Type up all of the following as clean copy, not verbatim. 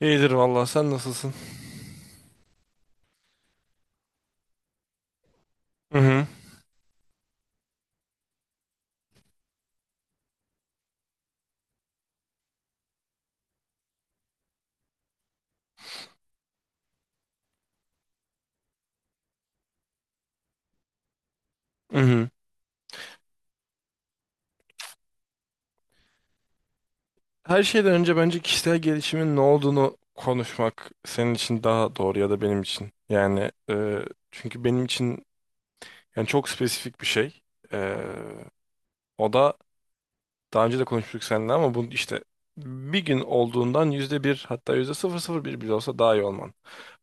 İyidir vallahi sen nasılsın? Hı hı. Hı hı. Her şeyden önce bence kişisel gelişimin ne olduğunu konuşmak senin için daha doğru ya da benim için. Yani çünkü benim için yani çok spesifik bir şey. E, o da daha önce de konuştuk seninle ama bu işte bir gün olduğundan %1 hatta %0,01 bile olsa daha iyi olman.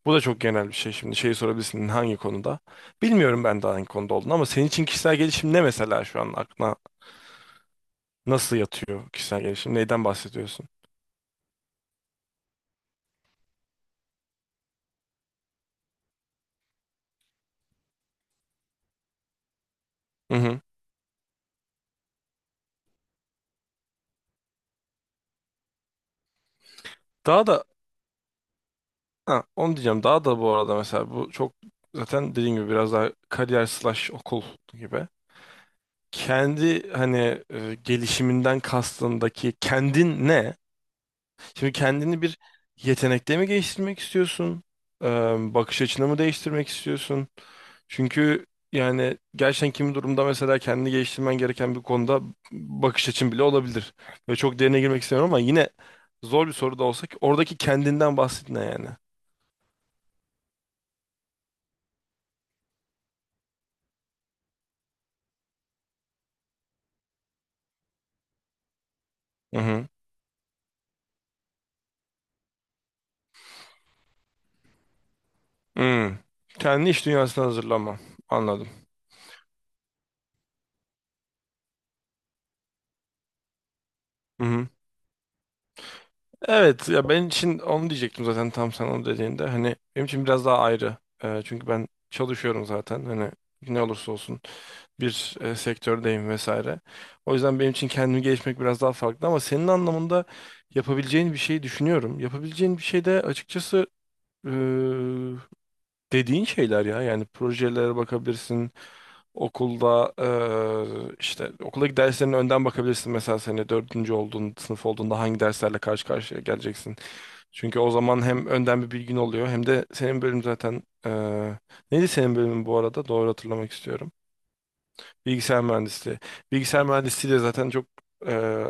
Bu da çok genel bir şey şimdi. Şeyi sorabilirsin hangi konuda? Bilmiyorum ben de hangi konuda olduğunu ama senin için kişisel gelişim ne mesela şu an aklına nasıl yatıyor kişisel gelişim? Neyden bahsediyorsun? Hı hı. Daha da ha, Onu diyeceğim. Daha da bu arada mesela bu çok zaten dediğim gibi biraz daha kariyer slash okul gibi. Kendi hani gelişiminden kastındaki kendin ne? Şimdi kendini bir yetenekle mi geliştirmek istiyorsun? E, bakış açını mı değiştirmek istiyorsun? Çünkü yani gerçekten kimi durumda mesela kendini geliştirmen gereken bir konuda bakış açın bile olabilir. Ve çok derine girmek istemiyorum ama yine zor bir soru da olsa ki oradaki kendinden bahsetme yani. Hı hı. Hmm. Kendi iş dünyasına hazırlanma. Anladım. Hı hı. Evet ya ben için onu diyecektim zaten tam sen onu dediğinde. Hani benim için biraz daha ayrı. Çünkü ben çalışıyorum zaten. Hani ne olursa olsun bir sektördeyim vesaire. O yüzden benim için kendimi gelişmek biraz daha farklı ama senin anlamında yapabileceğin bir şey düşünüyorum. Yapabileceğin bir şey de açıkçası e, dediğin şeyler ya. Yani projelere bakabilirsin. Okulda işte okuldaki derslerine önden bakabilirsin. Mesela sene dördüncü olduğun sınıf olduğunda hangi derslerle karşı karşıya geleceksin. Çünkü o zaman hem önden bir bilgin oluyor hem de senin bölüm zaten neydi senin bölümün bu arada? Doğru hatırlamak istiyorum. Bilgisayar mühendisliği. Bilgisayar mühendisliği de zaten çok eee,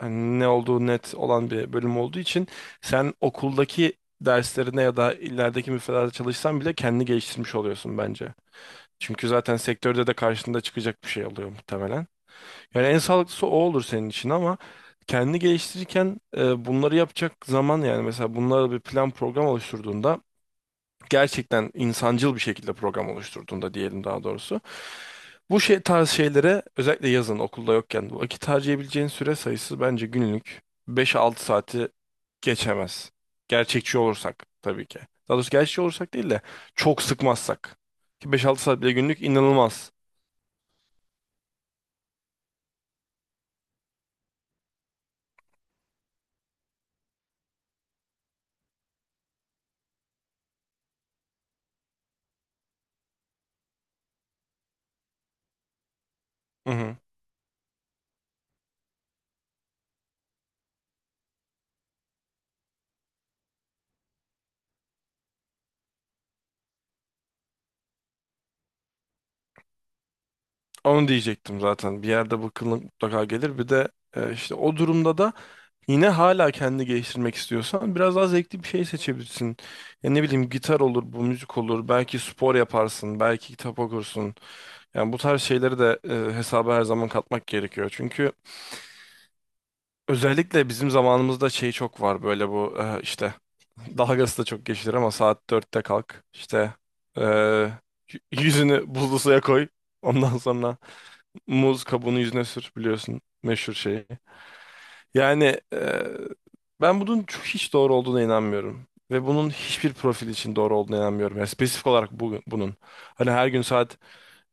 hani ne olduğu net olan bir bölüm olduğu için sen okuldaki derslerine ya da ilerideki müfredata çalışsan bile kendini geliştirmiş oluyorsun bence. Çünkü zaten sektörde de karşında çıkacak bir şey oluyor muhtemelen. Yani en sağlıklısı o olur senin için ama kendini geliştirirken bunları yapacak zaman yani mesela bunlara bir plan program oluşturduğunda gerçekten insancıl bir şekilde program oluşturduğunda diyelim daha doğrusu bu şey tarz şeylere özellikle yazın okulda yokken vakit harcayabileceğin süre sayısı bence günlük 5-6 saati geçemez. Gerçekçi olursak tabii ki. Daha doğrusu gerçekçi olursak değil de çok sıkmazsak. Ki 5-6 saat bile günlük inanılmaz. Hı hı. Onu diyecektim zaten. Bir yerde bu kıllık mutlaka gelir. Bir de işte o durumda da yine hala kendi geliştirmek istiyorsan biraz daha zevkli bir şey seçebilirsin. Ya ne bileyim gitar olur, bu müzik olur. Belki spor yaparsın, belki kitap okursun. Yani bu tarz şeyleri de hesaba her zaman katmak gerekiyor. Çünkü özellikle bizim zamanımızda şey çok var böyle bu işte dalgası da çok geçilir ama saat 4'te kalk. İşte eee, yüzünü buzlu suya koy. Ondan sonra muz kabuğunu yüzüne sür biliyorsun meşhur şeyi. Yani ben bunun hiç doğru olduğuna inanmıyorum. Ve bunun hiçbir profil için doğru olduğuna inanmıyorum. Yani spesifik olarak bunun. Hani her gün saat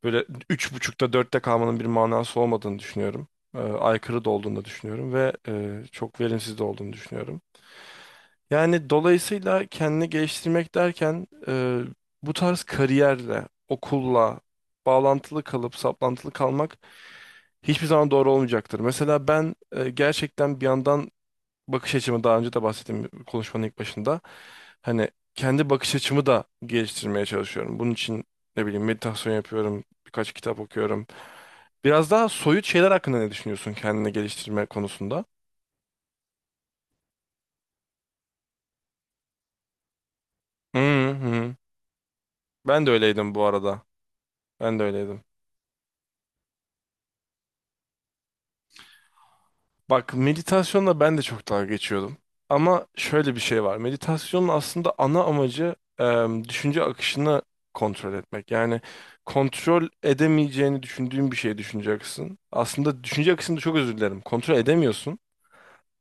böyle üç buçukta dörtte kalmanın bir manası olmadığını düşünüyorum. Aykırı da olduğunu da düşünüyorum ve çok verimsiz de olduğunu düşünüyorum. Yani dolayısıyla kendini geliştirmek derken bu tarz kariyerle, okulla bağlantılı kalıp saplantılı kalmak hiçbir zaman doğru olmayacaktır. Mesela ben gerçekten bir yandan bakış açımı daha önce de bahsettiğim konuşmanın ilk başında hani kendi bakış açımı da geliştirmeye çalışıyorum. Bunun için ne bileyim meditasyon yapıyorum, birkaç kitap okuyorum. Biraz daha soyut şeyler hakkında ne düşünüyorsun kendini geliştirme konusunda? Hı hı. Ben de öyleydim bu arada. Ben de öyleydim. Bak meditasyonla ben de çok dalga geçiyordum. Ama şöyle bir şey var. Meditasyonun aslında ana amacı düşünce akışını kontrol etmek. Yani kontrol edemeyeceğini düşündüğün bir şey düşüneceksin. Aslında düşünce akışını çok özür dilerim. Kontrol edemiyorsun.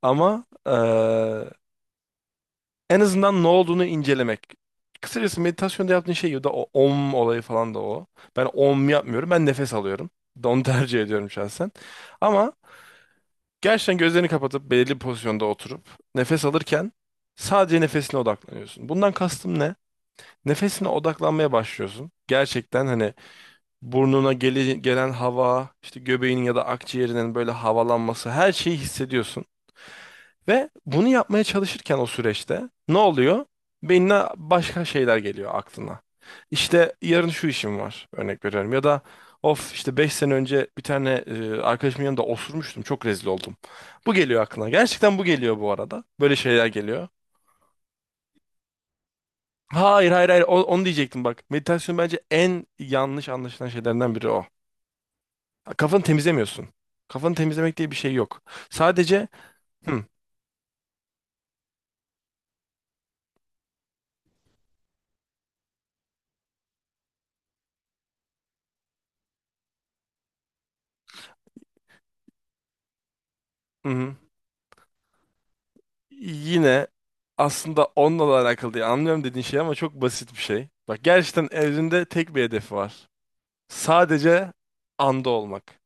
Ama en azından ne olduğunu incelemek. Kısacası meditasyonda yaptığın şey ya da o om olayı falan da o. Ben om yapmıyorum. Ben nefes alıyorum. Onu tercih ediyorum şahsen. Ama gerçekten gözlerini kapatıp belirli bir pozisyonda oturup nefes alırken sadece nefesine odaklanıyorsun. Bundan kastım ne? Nefesine odaklanmaya başlıyorsun. Gerçekten hani burnuna gelen hava, işte göbeğinin ya da akciğerinin böyle havalanması her şeyi hissediyorsun. Ve bunu yapmaya çalışırken o süreçte ne oluyor? Beynine başka şeyler geliyor aklına. İşte yarın şu işim var örnek veriyorum ya da of işte 5 sene önce bir tane arkadaşımın yanında osurmuştum çok rezil oldum. Bu geliyor aklına. Gerçekten bu geliyor bu arada. Böyle şeyler geliyor. Hayır, hayır, hayır, onu diyecektim bak. Meditasyon bence en yanlış anlaşılan şeylerden biri o. Kafanı temizlemiyorsun. Kafanı temizlemek diye bir şey yok. Sadece hı, hı, yine aslında onunla da alakalı değil. Anlıyorum dediğin şey ama çok basit bir şey. Bak gerçekten evrende tek bir hedefi var. Sadece anda olmak.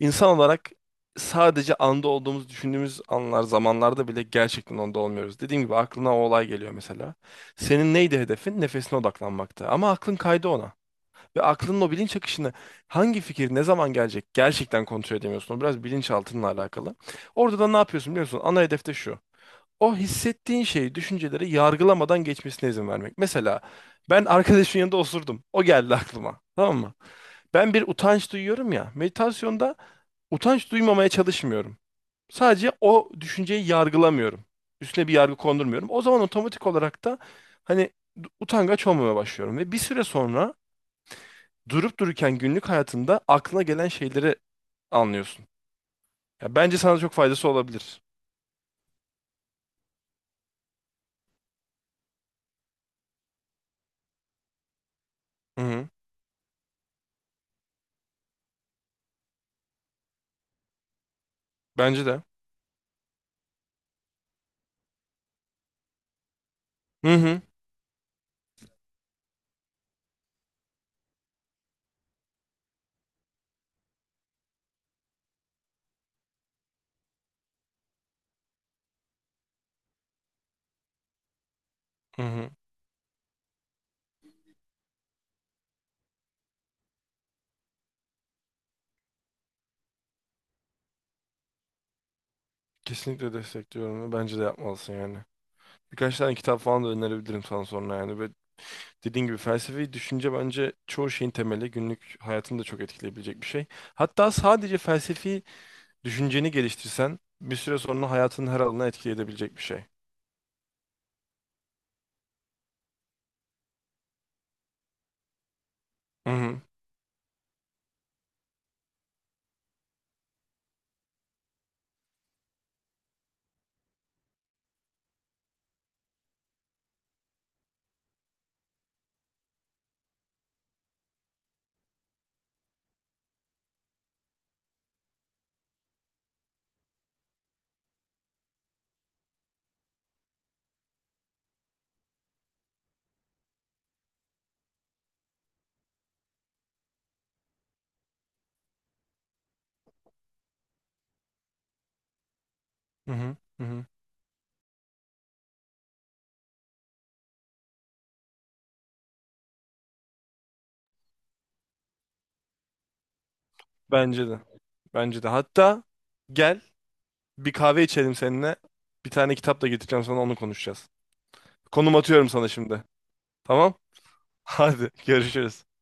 İnsan olarak sadece anda olduğumuzu düşündüğümüz anlar, zamanlarda bile gerçekten onda olmuyoruz. Dediğim gibi aklına o olay geliyor mesela. Senin neydi hedefin? Nefesine odaklanmaktı. Ama aklın kaydı ona. Ve aklının o bilinç akışını hangi fikir ne zaman gelecek gerçekten kontrol edemiyorsun. O biraz bilinçaltınla alakalı. Orada da ne yapıyorsun biliyor musun? Ana hedefte şu o hissettiğin şeyi, düşünceleri yargılamadan geçmesine izin vermek. Mesela ben arkadaşın yanında osurdum. O geldi aklıma. Tamam mı? Ben bir utanç duyuyorum ya. Meditasyonda utanç duymamaya çalışmıyorum. Sadece o düşünceyi yargılamıyorum. Üstüne bir yargı kondurmuyorum. O zaman otomatik olarak da hani utangaç olmamaya başlıyorum. Ve bir süre sonra durup dururken günlük hayatında aklına gelen şeyleri anlıyorsun. Ya bence sana çok faydası olabilir. Hı hı. Bence de. Hı hı. Hı hı. Kesinlikle destekliyorum ve bence de yapmalısın yani. Birkaç tane kitap falan da önerebilirim sana sonra yani. Ve dediğin gibi felsefi düşünce bence çoğu şeyin temeli. Günlük hayatını da çok etkileyebilecek bir şey. Hatta sadece felsefi düşünceni geliştirsen bir süre sonra hayatının her alanına etki edebilecek bir şey. Hı hı. Hı hı. Hı hı. Bence de. Bence de. Hatta gel bir kahve içelim seninle. Bir tane kitap da getireceğim sana onu konuşacağız. Konum atıyorum sana şimdi. Tamam? Hadi görüşürüz.